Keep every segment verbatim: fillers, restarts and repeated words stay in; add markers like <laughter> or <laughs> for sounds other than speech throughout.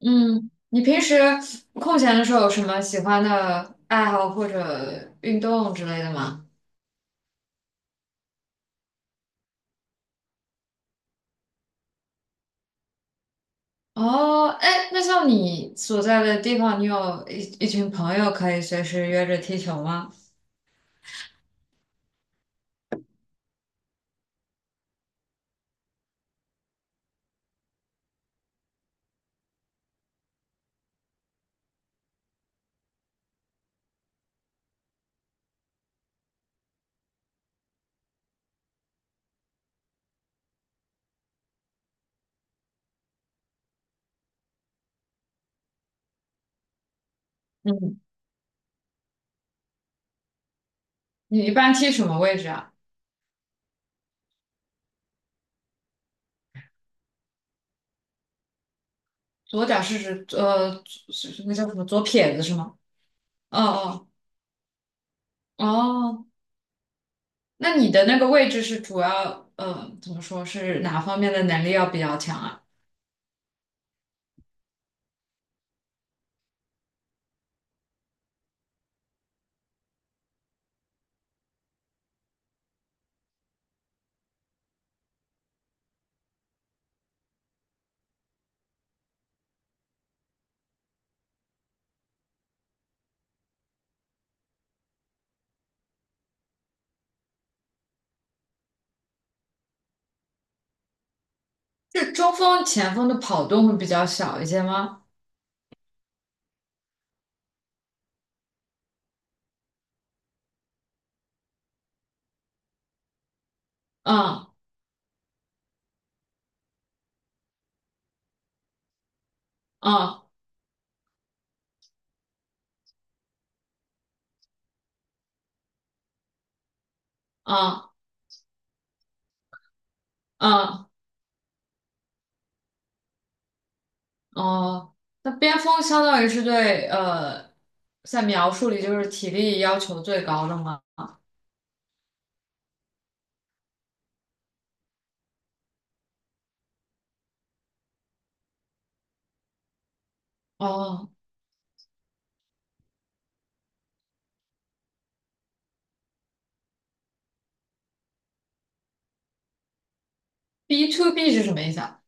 嗯，你平时空闲的时候有什么喜欢的爱好或者运动之类的吗？哦，哎，那像你所在的地方，你有一一群朋友可以随时约着踢球吗？嗯，你一般踢什么位置啊？左脚是指呃，左是那叫什么左撇子是吗？哦哦哦，那你的那个位置是主要呃，怎么说是哪方面的能力要比较强啊？是中锋、前锋的跑动会比较小一些吗？嗯嗯啊啊哦，那边锋相当于是对呃，在描述里就是体力要求最高的吗？哦，B to B 是什么意思啊？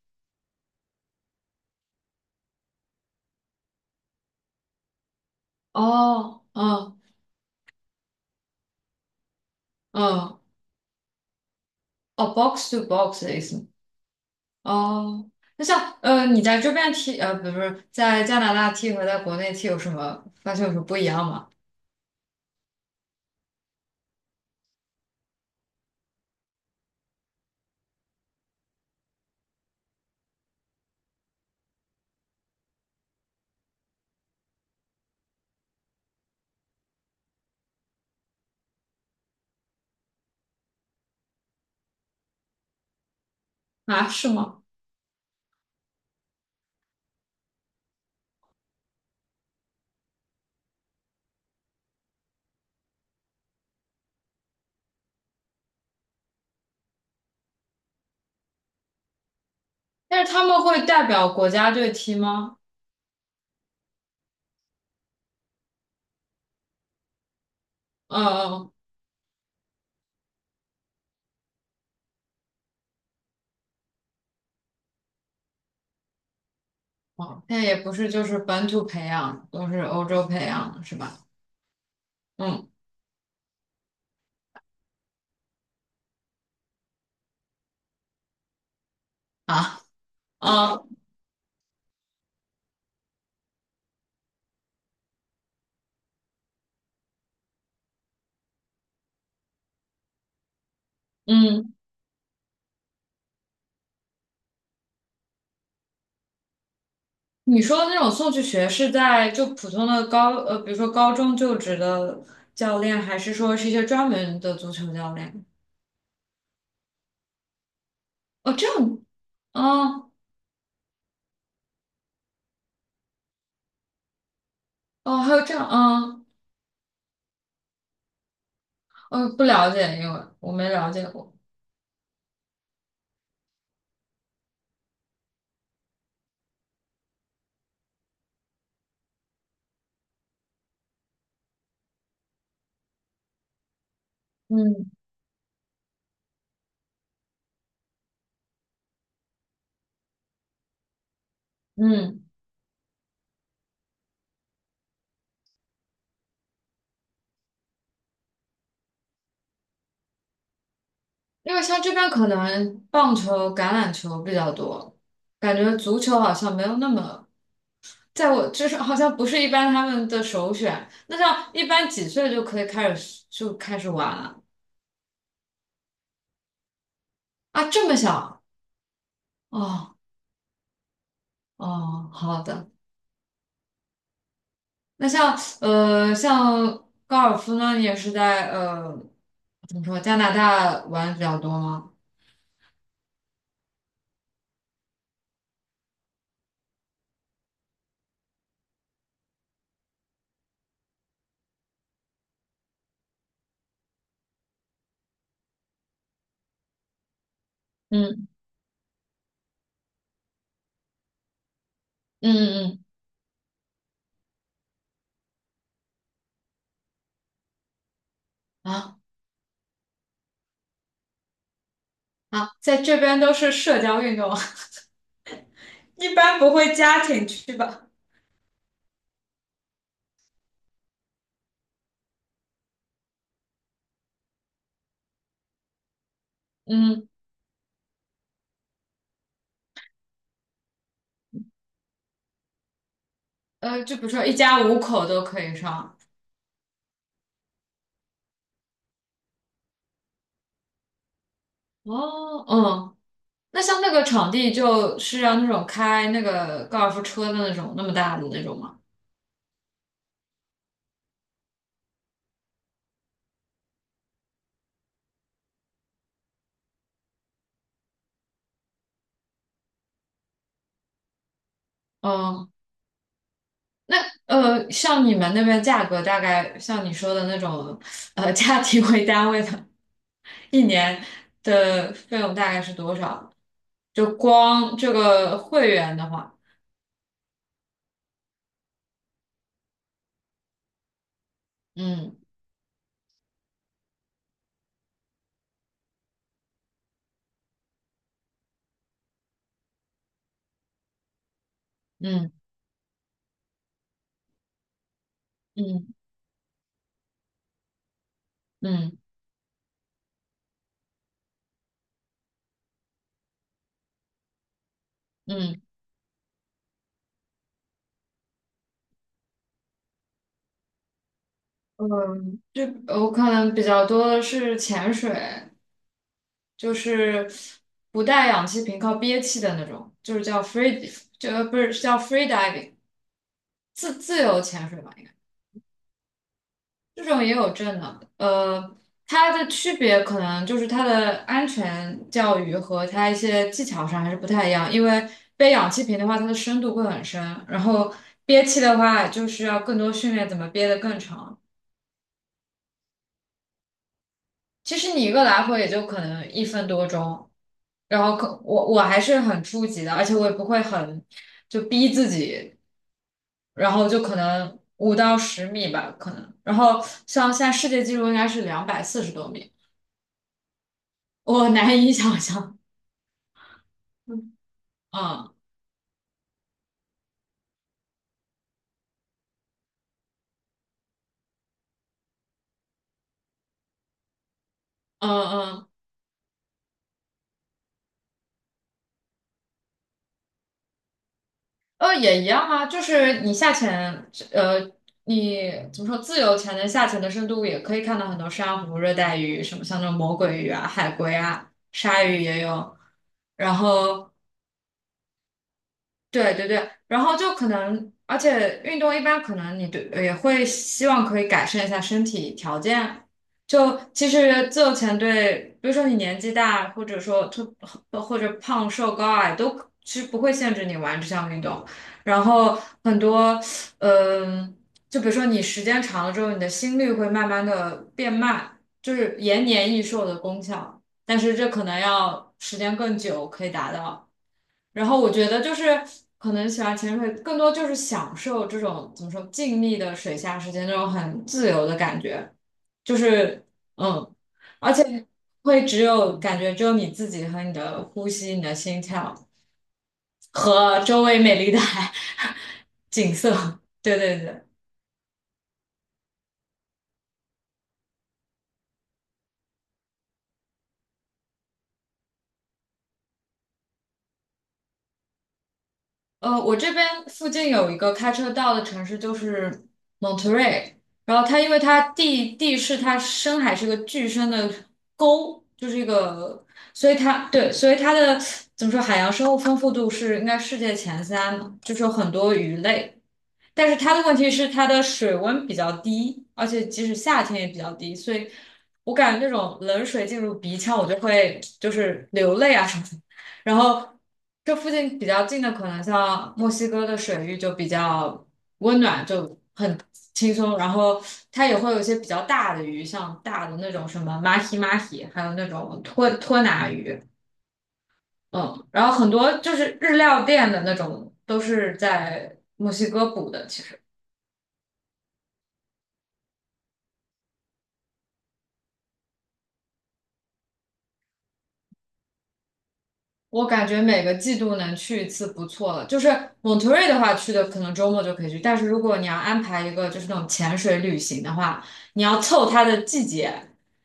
哦，嗯嗯，哦，box to box 的意思。哦，那像呃，你在这边踢呃，不是不是在加拿大踢和在国内踢有什么发现有什么不一样吗？啊，是吗？但是他们会代表国家队踢吗？嗯嗯，嗯哦，那也不是，就是本土培养，都是欧洲培养的，是吧？嗯，啊，啊，嗯，你说的那种送去学是在就普通的高呃，比如说高中就职的教练，还是说是一些专门的足球教练？哦，这样，哦哦，还有这样，嗯，呃，不了解，因为我没了解过。嗯嗯，因为像这边可能棒球、橄榄球比较多，感觉足球好像没有那么，在我就是好像不是一般他们的首选。那像一般几岁就可以开始就开始玩了？啊，这么小？哦哦，好的。那像呃，像高尔夫呢，你也是在呃，怎么说，加拿大玩得比较多吗？嗯嗯嗯嗯，啊啊，在这边都是社交运动，<laughs> 一般不会家庭去吧？嗯，呃，就比如说一家五口都可以上。哦，嗯，那像那个场地就是要那种开那个高尔夫车的那种那么大的那种吗？嗯。呃，像你们那边价格大概像你说的那种，呃，家庭为单位的，一年的费用大概是多少？就光这个会员的话，嗯嗯嗯嗯嗯嗯，这我可能比较多的是潜水，就是不带氧气瓶，靠憋气的那种，就是叫 free，就呃不是叫 free diving，自自由潜水吧，应该。这种也有证的，呃，它的区别可能就是它的安全教育和它一些技巧上还是不太一样，因为背氧气瓶的话，它的深度会很深，然后憋气的话，就是要更多训练怎么憋得更长。其实你一个来回也就可能一分多钟，然后可我我还是很初级的，而且我也不会很就逼自己，然后就可能五到十米吧，可能，然后像现在世界纪录应该是两百四十多米。我难以想象。嗯嗯嗯，呃，也一样啊，就是你下潜，呃，你怎么说，自由潜的下潜的深度也可以看到很多珊瑚、热带鱼，什么像那种魔鬼鱼啊、海龟啊、鲨鱼也有，然后。对对对，然后就可能，而且运动一般可能你对也会希望可以改善一下身体条件。就其实自由潜对，比如说你年纪大，或者说特或者胖瘦高矮都其实不会限制你玩这项运动。然后很多，嗯、就比如说你时间长了之后，你的心率会慢慢的变慢，就是延年益寿的功效。但是这可能要时间更久可以达到。然后我觉得就是可能喜欢潜水，更多就是享受这种怎么说静谧的水下时间，那种很自由的感觉，就是嗯，而且会只有感觉只有你自己和你的呼吸、你的心跳和周围美丽的 <laughs> 海景色。<laughs> 对对对。呃，我这边附近有一个开车到的城市，就是 Monterey。然后它因为它地地势，它深海是个巨深的沟，就是一个，所以它对，所以它的怎么说，海洋生物丰富度是应该世界前三嘛就是有很多鱼类。但是它的问题是它的水温比较低，而且即使夏天也比较低，所以我感觉那种冷水进入鼻腔，我就会就是流泪啊什么的。然后这附近比较近的，可能像墨西哥的水域就比较温暖，就很轻松。然后它也会有一些比较大的鱼，像大的那种什么马希马希，还有那种托托拿鱼。嗯，然后很多就是日料店的那种都是在墨西哥捕的，其实。我感觉每个季度能去一次不错了。就是蒙特瑞的话，去的可能周末就可以去，但是如果你要安排一个就是那种潜水旅行的话，你要凑它的季节，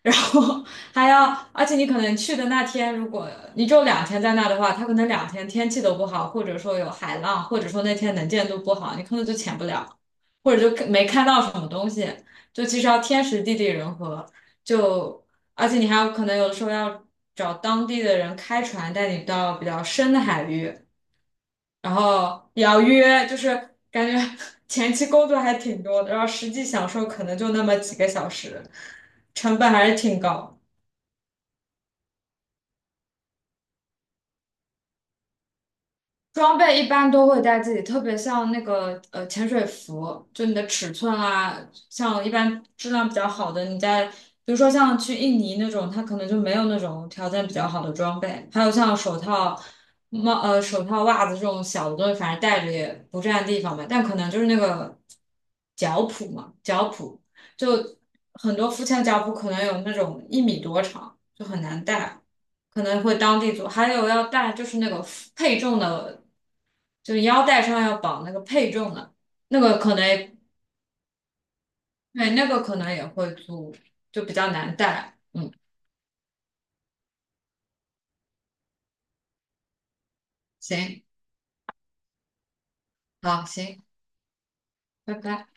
然后 <laughs> 还要，而且你可能去的那天，如果你只有两天在那的话，它可能两天天气都不好，或者说有海浪，或者说那天能见度不好，你可能就潜不了，或者就没看到什么东西，就其实要天时地利人和，就而且你还有可能有的时候要找当地的人开船带你到比较深的海域，然后也要约，就是感觉 <laughs> 前期工作还挺多的，然后实际享受可能就那么几个小时，成本还是挺高。装备一般都会带自己，特别像那个呃潜水服，就你的尺寸啊，像一般质量比较好的，你在比如说像去印尼那种，它可能就没有那种条件比较好的装备，还有像手套、帽呃手套、袜子这种小的东西，反正带着也不占地方嘛，但可能就是那个脚蹼嘛，脚蹼就很多浮潜脚蹼可能有那种一米多长，就很难带。可能会当地做，还有要带就是那个负配重的就腰带上要绑那个配重的，那个可能对，那个可能也会租，就比较难带。嗯，行，好，行，拜拜。